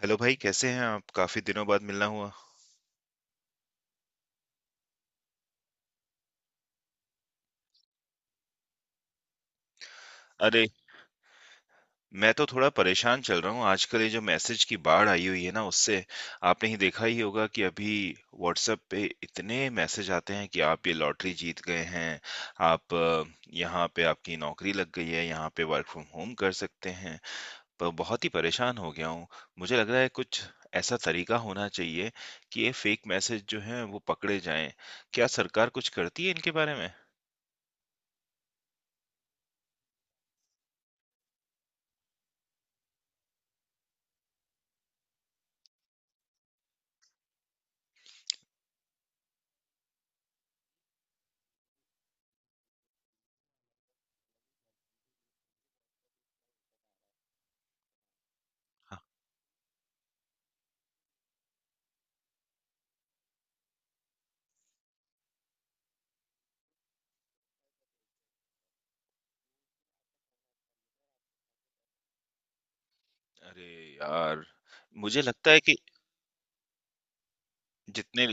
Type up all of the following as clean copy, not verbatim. Hello भाई कैसे हैं आप काफी दिनों बाद मिलना हुआ। अरे मैं तो थोड़ा परेशान चल रहा हूँ आजकल ये जो मैसेज की बाढ़ आई हुई है ना उससे। आपने ही देखा ही होगा कि अभी व्हाट्सएप पे इतने मैसेज आते हैं कि आप ये लॉटरी जीत गए हैं। आप यहाँ पे आपकी नौकरी लग गई है, यहाँ पे वर्क फ्रॉम होम कर सकते हैं। पर बहुत ही परेशान हो गया हूँ। मुझे लग रहा है कुछ ऐसा तरीका होना चाहिए कि ये फेक मैसेज जो हैं वो पकड़े जाएं। क्या सरकार कुछ करती है इनके बारे में? अरे यार, मुझे लगता है कि जितने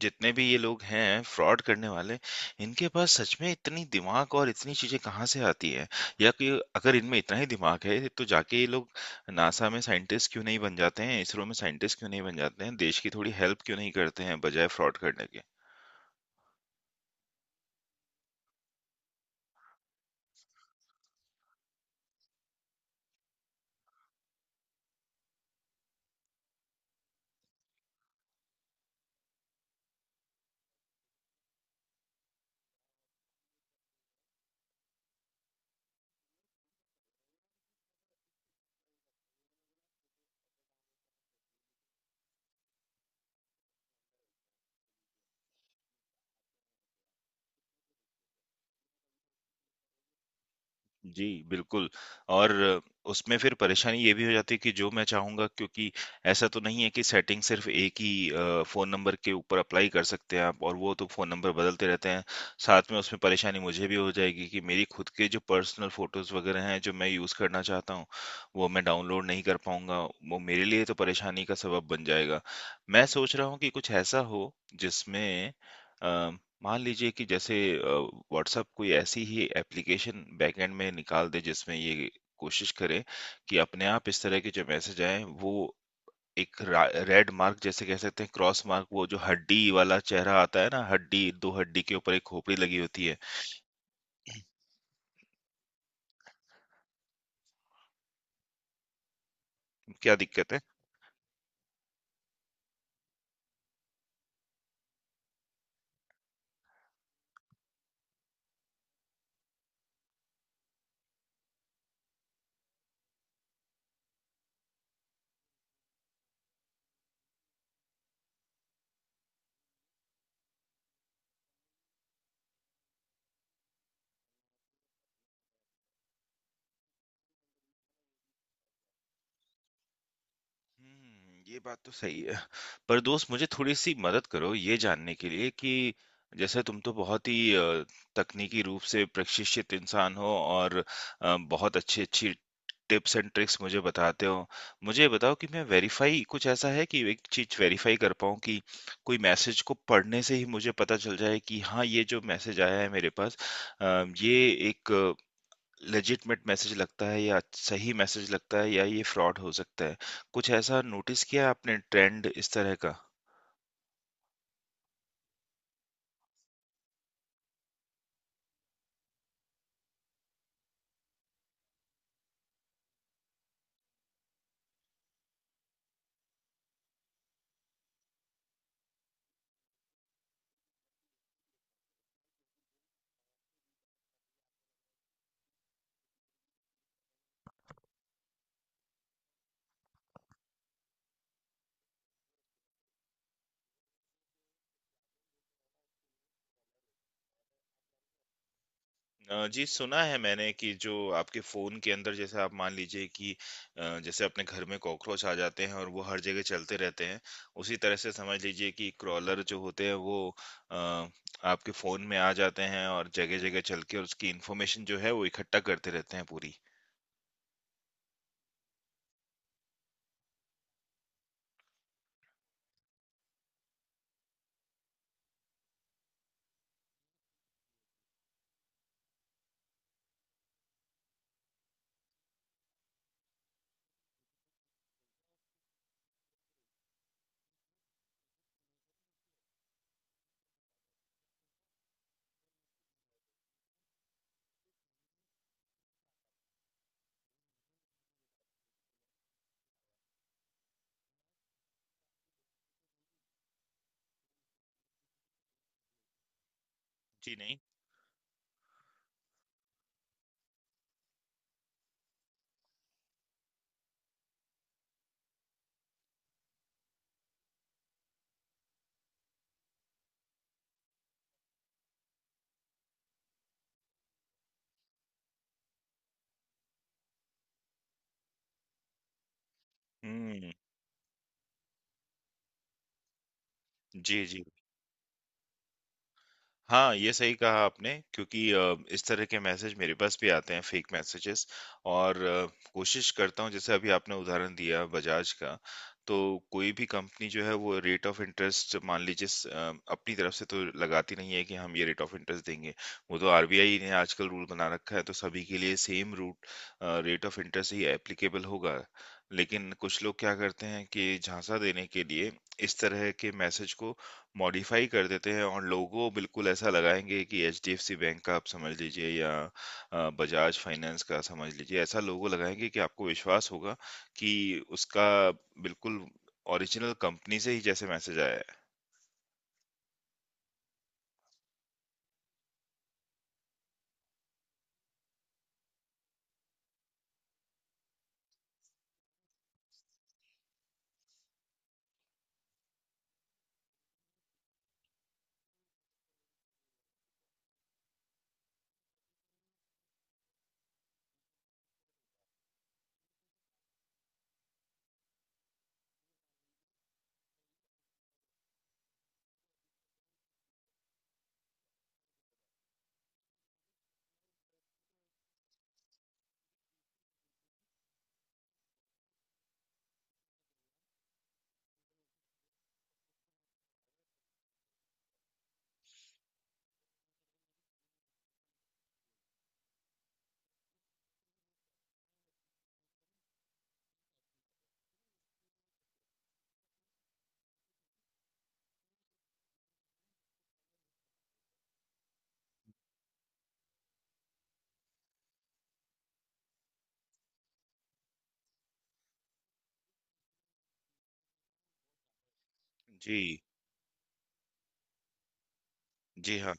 जितने भी ये लोग हैं फ्रॉड करने वाले, इनके पास सच में इतनी दिमाग और इतनी चीजें कहाँ से आती है। या कि अगर इनमें इतना ही दिमाग है तो जाके ये लोग नासा में साइंटिस्ट क्यों नहीं बन जाते हैं, इसरो में साइंटिस्ट क्यों नहीं बन जाते हैं, देश की थोड़ी हेल्प क्यों नहीं करते हैं बजाय फ्रॉड करने के। जी, बिल्कुल। और उसमें फिर परेशानी ये भी हो जाती है कि जो मैं चाहूँगा, क्योंकि ऐसा तो नहीं है कि सेटिंग सिर्फ़ एक ही फ़ोन नंबर के ऊपर अप्लाई कर सकते हैं आप, और वो तो फ़ोन नंबर बदलते रहते हैं। साथ में उसमें परेशानी मुझे भी हो जाएगी कि मेरी खुद के जो पर्सनल फ़ोटोज़ वग़ैरह हैं, जो मैं यूज़ करना चाहता हूँ, वो मैं डाउनलोड नहीं कर पाऊँगा। वो मेरे लिए तो परेशानी का सबब बन जाएगा। मैं सोच रहा हूँ कि कुछ ऐसा हो जिसमें अ, मान लीजिए कि जैसे व्हाट्सएप कोई ऐसी ही एप्लीकेशन बैकएंड में निकाल दे जिसमें ये कोशिश करे कि अपने आप इस तरह के जो मैसेज आए वो एक रेड मार्क, जैसे कह सकते हैं क्रॉस मार्क, वो जो हड्डी वाला चेहरा आता है ना, हड्डी दो हड्डी के ऊपर एक खोपड़ी लगी होती है। क्या दिक्कत है? ये बात तो सही है। पर दोस्त मुझे थोड़ी-सी मदद करो ये जानने के लिए कि जैसे तुम तो बहुत ही तकनीकी रूप से प्रशिक्षित इंसान हो और बहुत अच्छी-अच्छी टिप्स एंड ट्रिक्स मुझे बताते हो। मुझे ये बताओ कि मैं वेरीफ़ाई कुछ ऐसा है कि एक चीज़ वेरीफ़ाई कर पाऊँ कि कोई मैसेज को पढ़ने से ही मुझे पता चल जाए कि हाँ, ये जो मैसेज आया है मेरे पास अ, ये एक लेजिटमेट मैसेज लगता है या सही मैसेज लगता है या ये फ्रॉड हो सकता है। कुछ ऐसा नोटिस किया है आपने ट्रेंड इस तरह का? जी, सुना है मैंने कि जो आपके फ़ोन के अंदर, जैसे आप मान लीजिए कि जैसे अपने घर में कॉकरोच आ जाते हैं और वो हर जगह चलते रहते हैं, उसी तरह से समझ लीजिए कि क्रॉलर जो होते हैं वो अ, आपके फ़ोन में आ जाते हैं और जगह-जगह चल के और उसकी इन्फॉर्मेशन जो है वो इकट्ठा करते रहते हैं पूरी। जी, नहीं? हुँ, जी, जी। हाँ, ये सही कहा आपने क्योंकि इस तरह के मैसेज मेरे पास भी आते हैं, फेक मैसेजेस। और कोशिश करता हूँ। जैसे अभी आपने उदाहरण दिया बजाज का, तो कोई भी कंपनी जो है वो रेट ऑफ इंटरेस्ट, मान लीजिए अपनी तरफ से तो लगाती नहीं है कि हम ये रेट ऑफ इंटरेस्ट देंगे। वो तो आरबीआई ने आजकल रूल बना रखा है तो सभी के लिए same root rate of interest ही एप्लीकेबल होगा। लेकिन कुछ लोग क्या करते हैं कि झांसा देने के लिए इस तरह के मैसेज को मॉडिफाई कर देते हैं और लोगो बिल्कुल ऐसा लगाएँगे कि एचडीएफसी बैंक का आप समझ लीजिए या बजाज फाइनेंस का समझ लीजिए, ऐसा लोगो लगाएँगे कि आपको विश्वास होगा कि उसका बिल्कुल ओरिजिनल कंपनी से ही जैसे मैसेज आया है। जी। जी, हाँ।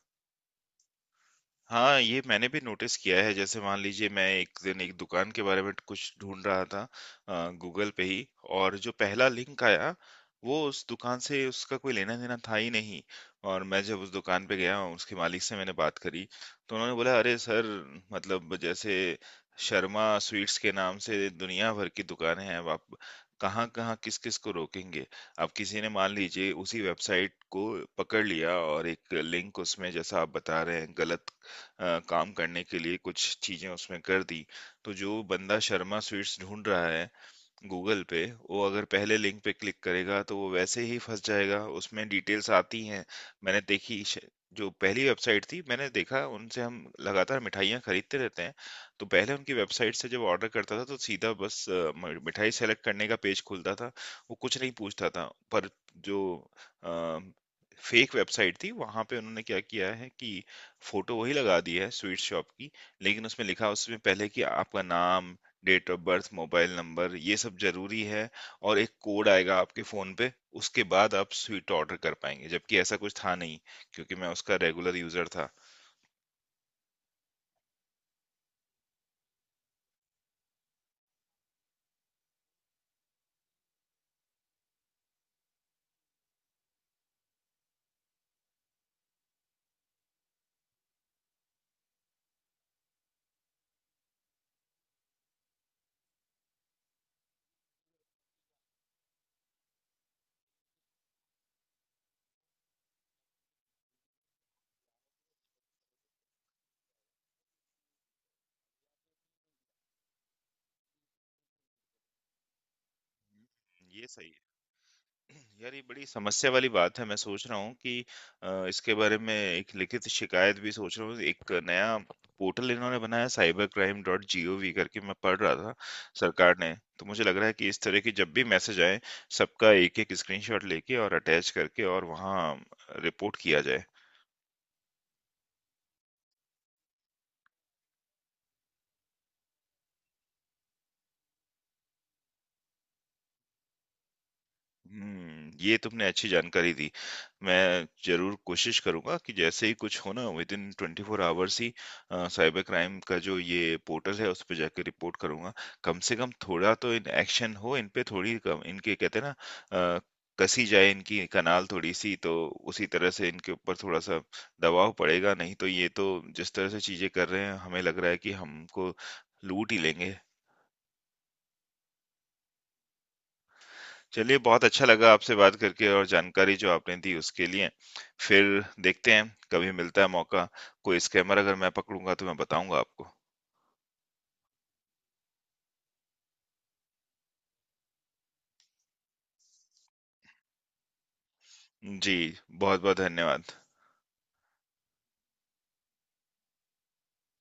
हाँ, ये मैंने भी नोटिस किया है। जैसे मान लीजिए मैं एक दिन एक दुकान के बारे में कुछ ढूँढ रहा था गूगल पे ही, और जो पहला लिंक आया, वो उस दुकान से उसका कोई लेना-देना था ही नहीं। और मैं जब उस दुकान पे गया, उसके मालिक से मैंने बात करी, तो उन्होंने बोला, "अरे सर, मतलब जैसे शर्मा स्वीट्स के नाम से दुनिया भर की दुकानें हैं। अब आप कहाँ-कहाँ, किस-किस को रोकेंगे?" अब किसी ने मान लीजिए उसी वेबसाइट को पकड़ लिया और एक लिंक उसमें, जैसा आप बता रहे हैं, गलत काम करने के लिए कुछ चीज़ें उसमें कर दी, तो जो बंदा शर्मा स्वीट्स ढूँढ रहा है गूगल पे, वो अगर पहले लिंक पे क्लिक करेगा तो वो वैसे ही फंस जाएगा, उसमें डिटेल्स आती हैं। मैंने देखी श- जो पहली वेबसाइट थी मैंने देखा, उनसे हम लगातार मिठाइयाँ खरीदते रहते हैं। तो पहले उनकी वेबसाइट से जब ऑर्डर करता था तो सीधा बस मिठाई सेलेक्ट करने का पेज खुलता था, वो कुछ नहीं पूछता था। पर जो फेक वेबसाइट थी वहां पे उन्होंने क्या किया है कि फोटो वही लगा दी है स्वीट शॉप की, लेकिन उसमें लिखा, उसमें पहले कि आपका नाम, date of birth, mobile number ये सब ज़रूरी है और एक कोड आएगा आपके फ़ोन पे, उसके बाद आप स्वीट ऑर्डर कर पाएँगे, जबकि ऐसा कुछ था नहीं, क्योंकि मैं उसका रेगुलर यूज़र था। ये सही है। यार ये बड़ी समस्या वाली बात है। मैं सोच रहा हूँ कि इसके बारे में एक लिखित शिकायत भी सोच रहा हूँ। एक नया पोर्टल इन्होंने बनाया cyber crime dot G O V करके, मैं पढ़ रहा था, सरकार ने। तो मुझे लग रहा है कि इस तरह की जब भी मैसेज आए सबका एक एक स्क्रीनशॉट लेके और अटैच करके और वहाँ रिपोर्ट किया जाए। ये तुमने अच्छी जानकारी दी। मैं ज़रूर कोशिश करूँगा कि जैसे ही कुछ हो ना, विदिन 24 आवर्स ही साइबर क्राइम का जो ये पोर्टल है उस पे जाके रिपोर्ट करूँगा। कम से कम थोड़ा तो इन एक्शन हो, इन पे थोड़ी कम, इनके कहते हैं ना कसी जाए इनकी कनाल थोड़ी-सी, तो उसी तरह से इनके ऊपर थोड़ा-सा दबाव पड़ेगा, नहीं तो ये तो जिस तरह से चीज़ें कर रहे हैं हमें लग रहा है कि हमको लूट ही लेंगे। चलिए, बहुत अच्छा लगा आपसे बात करके और जानकारी जो आपने दी उसके लिए। फिर देखते हैं, कभी मिलता है मौका, कोई स्कैमर अगर मैं पकड़ूँगा तो मैं बताऊँगा आपको। जी, बहुत-बहुत धन्यवाद।